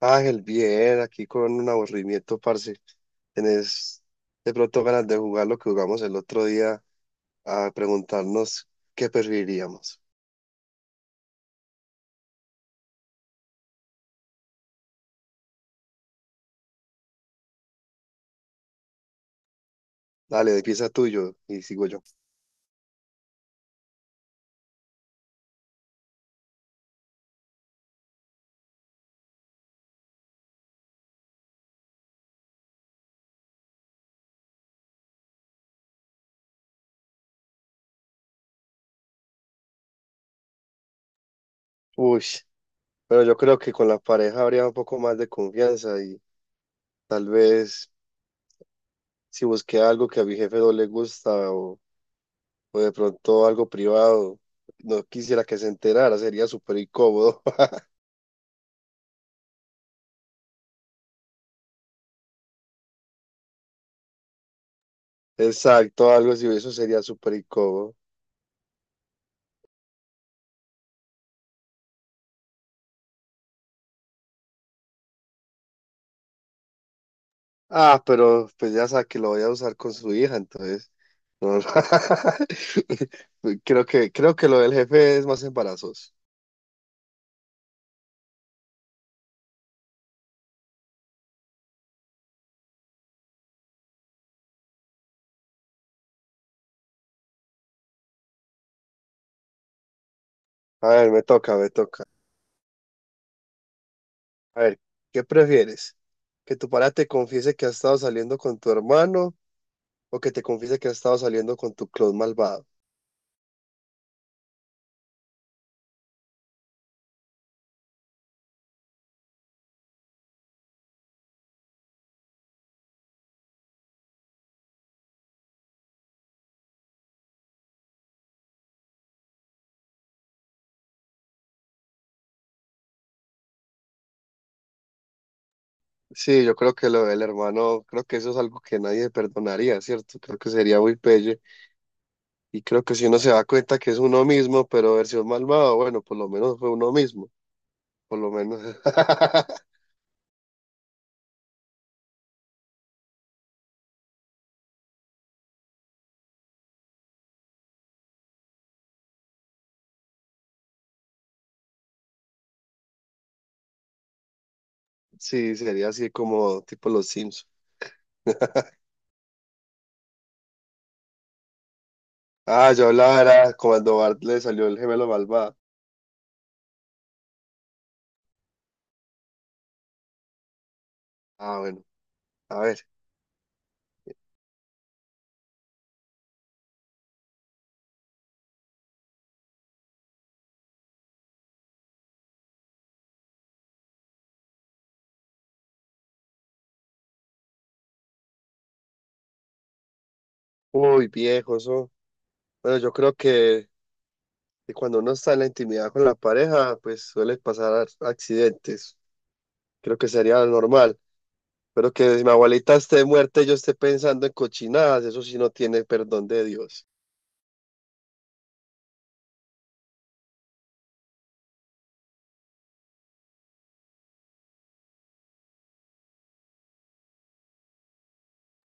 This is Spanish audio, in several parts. Ángel, bien, aquí con un aburrimiento, parce. ¿Tenés de pronto ganas de jugar lo que jugamos el otro día a preguntarnos qué preferiríamos? Dale, empieza tuyo y sigo yo. Uy, pero yo creo que con la pareja habría un poco más de confianza y tal vez si busqué algo que a mi jefe no le gusta o de pronto algo privado, no quisiera que se enterara, sería súper incómodo. Exacto, algo así, eso sería súper incómodo. Ah, pero pues ya sabe que lo voy a usar con su hija, entonces. No, no. Creo que lo del jefe es más embarazoso. A ver, me toca, me toca. A ver, ¿qué prefieres? ¿Que tu pareja te confiese que has estado saliendo con tu hermano o que te confiese que has estado saliendo con tu clon malvado? Sí, yo creo que lo del hermano, creo que eso es algo que nadie perdonaría, ¿cierto? Creo que sería muy pelle. Y creo que si uno se da cuenta que es uno mismo, pero versión malvado, bueno, por lo menos fue uno mismo, por lo menos. Sí, sería así como tipo los Sims. Ah, yo hablaba era cuando Bart le salió el gemelo malvado. Ah, bueno, a ver. Uy, viejo, eso. Bueno, yo creo que cuando uno está en la intimidad con la pareja, pues suele pasar accidentes. Creo que sería lo normal. Pero que si mi abuelita esté muerta y yo esté pensando en cochinadas, eso sí no tiene perdón de Dios.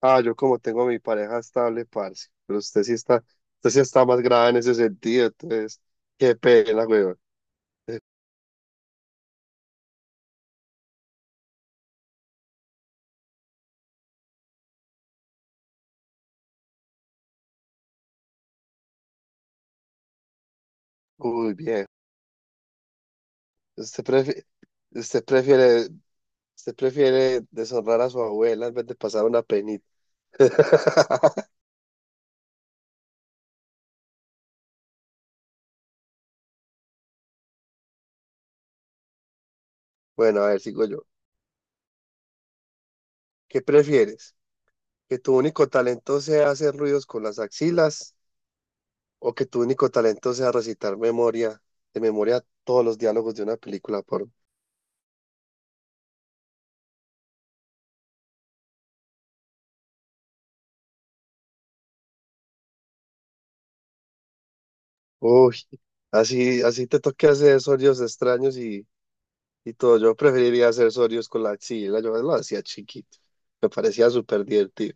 Ah, yo como tengo a mi pareja estable, parce. Pero usted sí está más grave en ese sentido, entonces, qué pena, weón. Uy, bien. Usted prefiere, usted prefiere, usted prefiere deshonrar a su abuela en vez de pasar una penita. Bueno, a ver, sigo yo. ¿Qué prefieres? ¿Que tu único talento sea hacer ruidos con las axilas o que tu único talento sea recitar memoria, de memoria todos los diálogos de una película por... Uy, así, así te toque hacer sonidos extraños y todo. Yo preferiría hacer sonidos con la axila. Yo lo hacía chiquito. Me parecía súper divertido.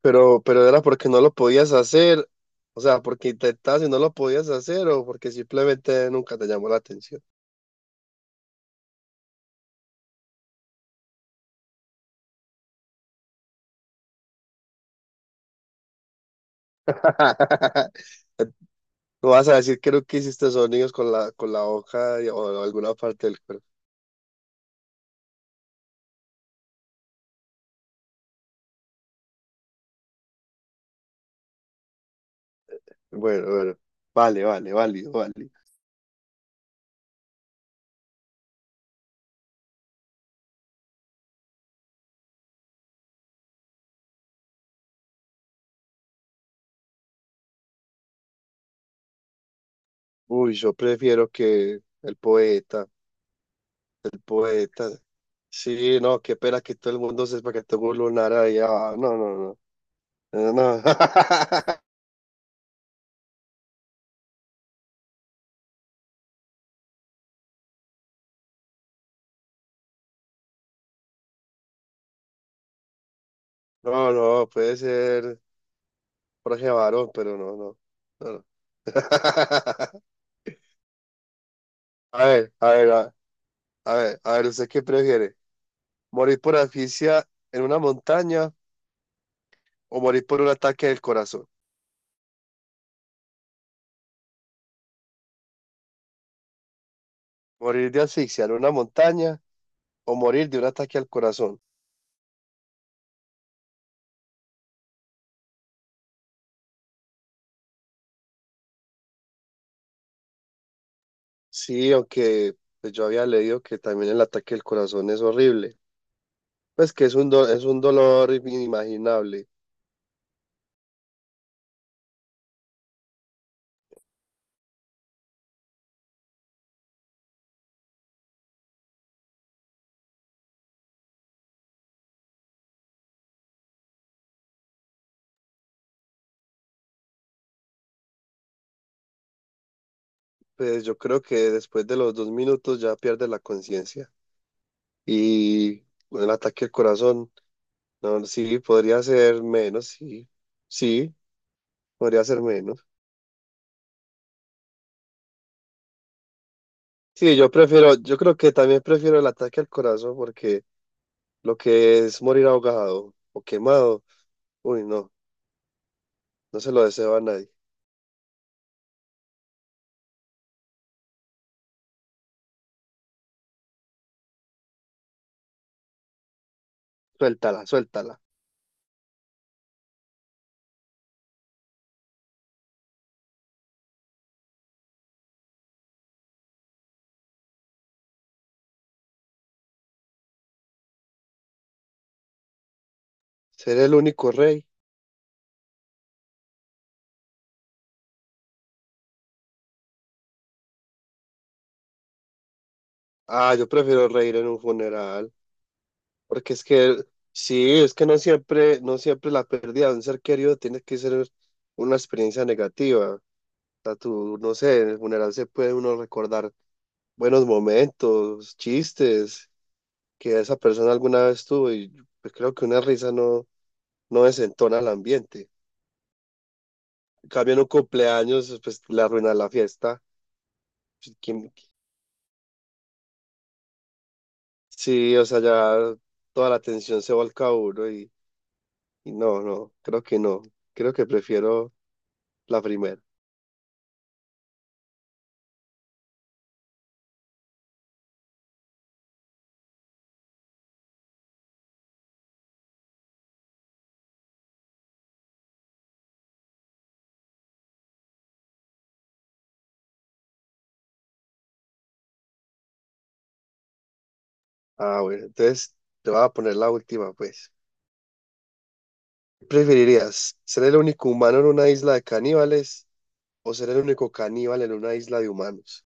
Pero era porque no lo podías hacer, o sea, porque intentabas y no lo podías hacer, o porque simplemente nunca te llamó la atención. No vas a decir que nunca hiciste sonidos con con la boca o alguna parte del cuerpo. Bueno, bueno, vale, vale, válido, válido. Uy, yo prefiero que el poeta, el poeta. Sí, no, qué pena que todo el mundo sepa que tengo un lunar ahí. Ah, no, no, no. No, no, no, puede ser. Jorge varón, pero no, no. No, no. A ver, a ver, a ver, a ver, ¿usted qué prefiere? ¿Morir por asfixia en una montaña o morir por un ataque del corazón? ¿Morir de asfixia en una montaña o morir de un ataque al corazón? Sí, aunque pues, yo había leído que también el ataque del corazón es horrible. Pues que es un, es un dolor inimaginable. Pues yo creo que después de los 2 minutos ya pierde la conciencia. Y con el ataque al corazón. No, sí, podría ser menos, sí. Sí, podría ser menos. Sí, yo prefiero, yo creo que también prefiero el ataque al corazón porque lo que es morir ahogado o quemado, uy, no, no se lo deseo a nadie. Suéltala, suéltala. Ser el único rey. Ah, yo prefiero reír en un funeral porque es sí, es que no siempre, no siempre la pérdida de un ser querido tiene que ser una experiencia negativa. O sea, tú, no sé, en el funeral se puede uno recordar buenos momentos, chistes que esa persona alguna vez tuvo y pues creo que una risa no, no desentona el ambiente. En cambio, en un cumpleaños, pues le arruina la fiesta. Pues, ¿quién- sí, o sea, ya toda la atención se volca a uno y no, no, creo que no. Creo que prefiero la primera. Ah, bueno, entonces te voy a poner la última, pues. ¿Preferirías ser el único humano en una isla de caníbales o ser el único caníbal en una isla de humanos?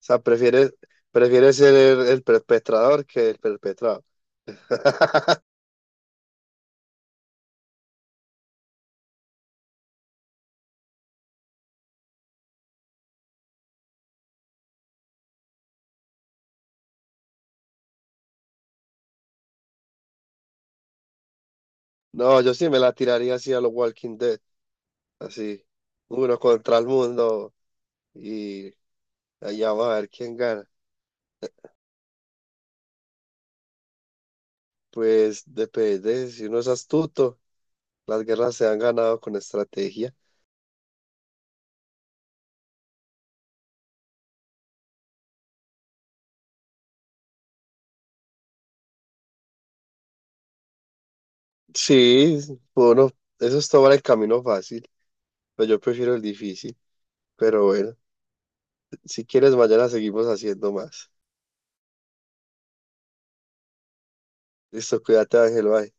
O sea, prefiere ser el perpetrador que el perpetrado. No, yo sí me la tiraría así a los Walking Dead, así, uno contra el mundo y allá vamos a ver quién gana. Pues depende, si uno es astuto, las guerras se han ganado con estrategia. Sí, bueno, eso es tomar el camino fácil, pero yo prefiero el difícil. Pero bueno, si quieres mañana seguimos haciendo más. Listo, cuídate, Ángel, bye.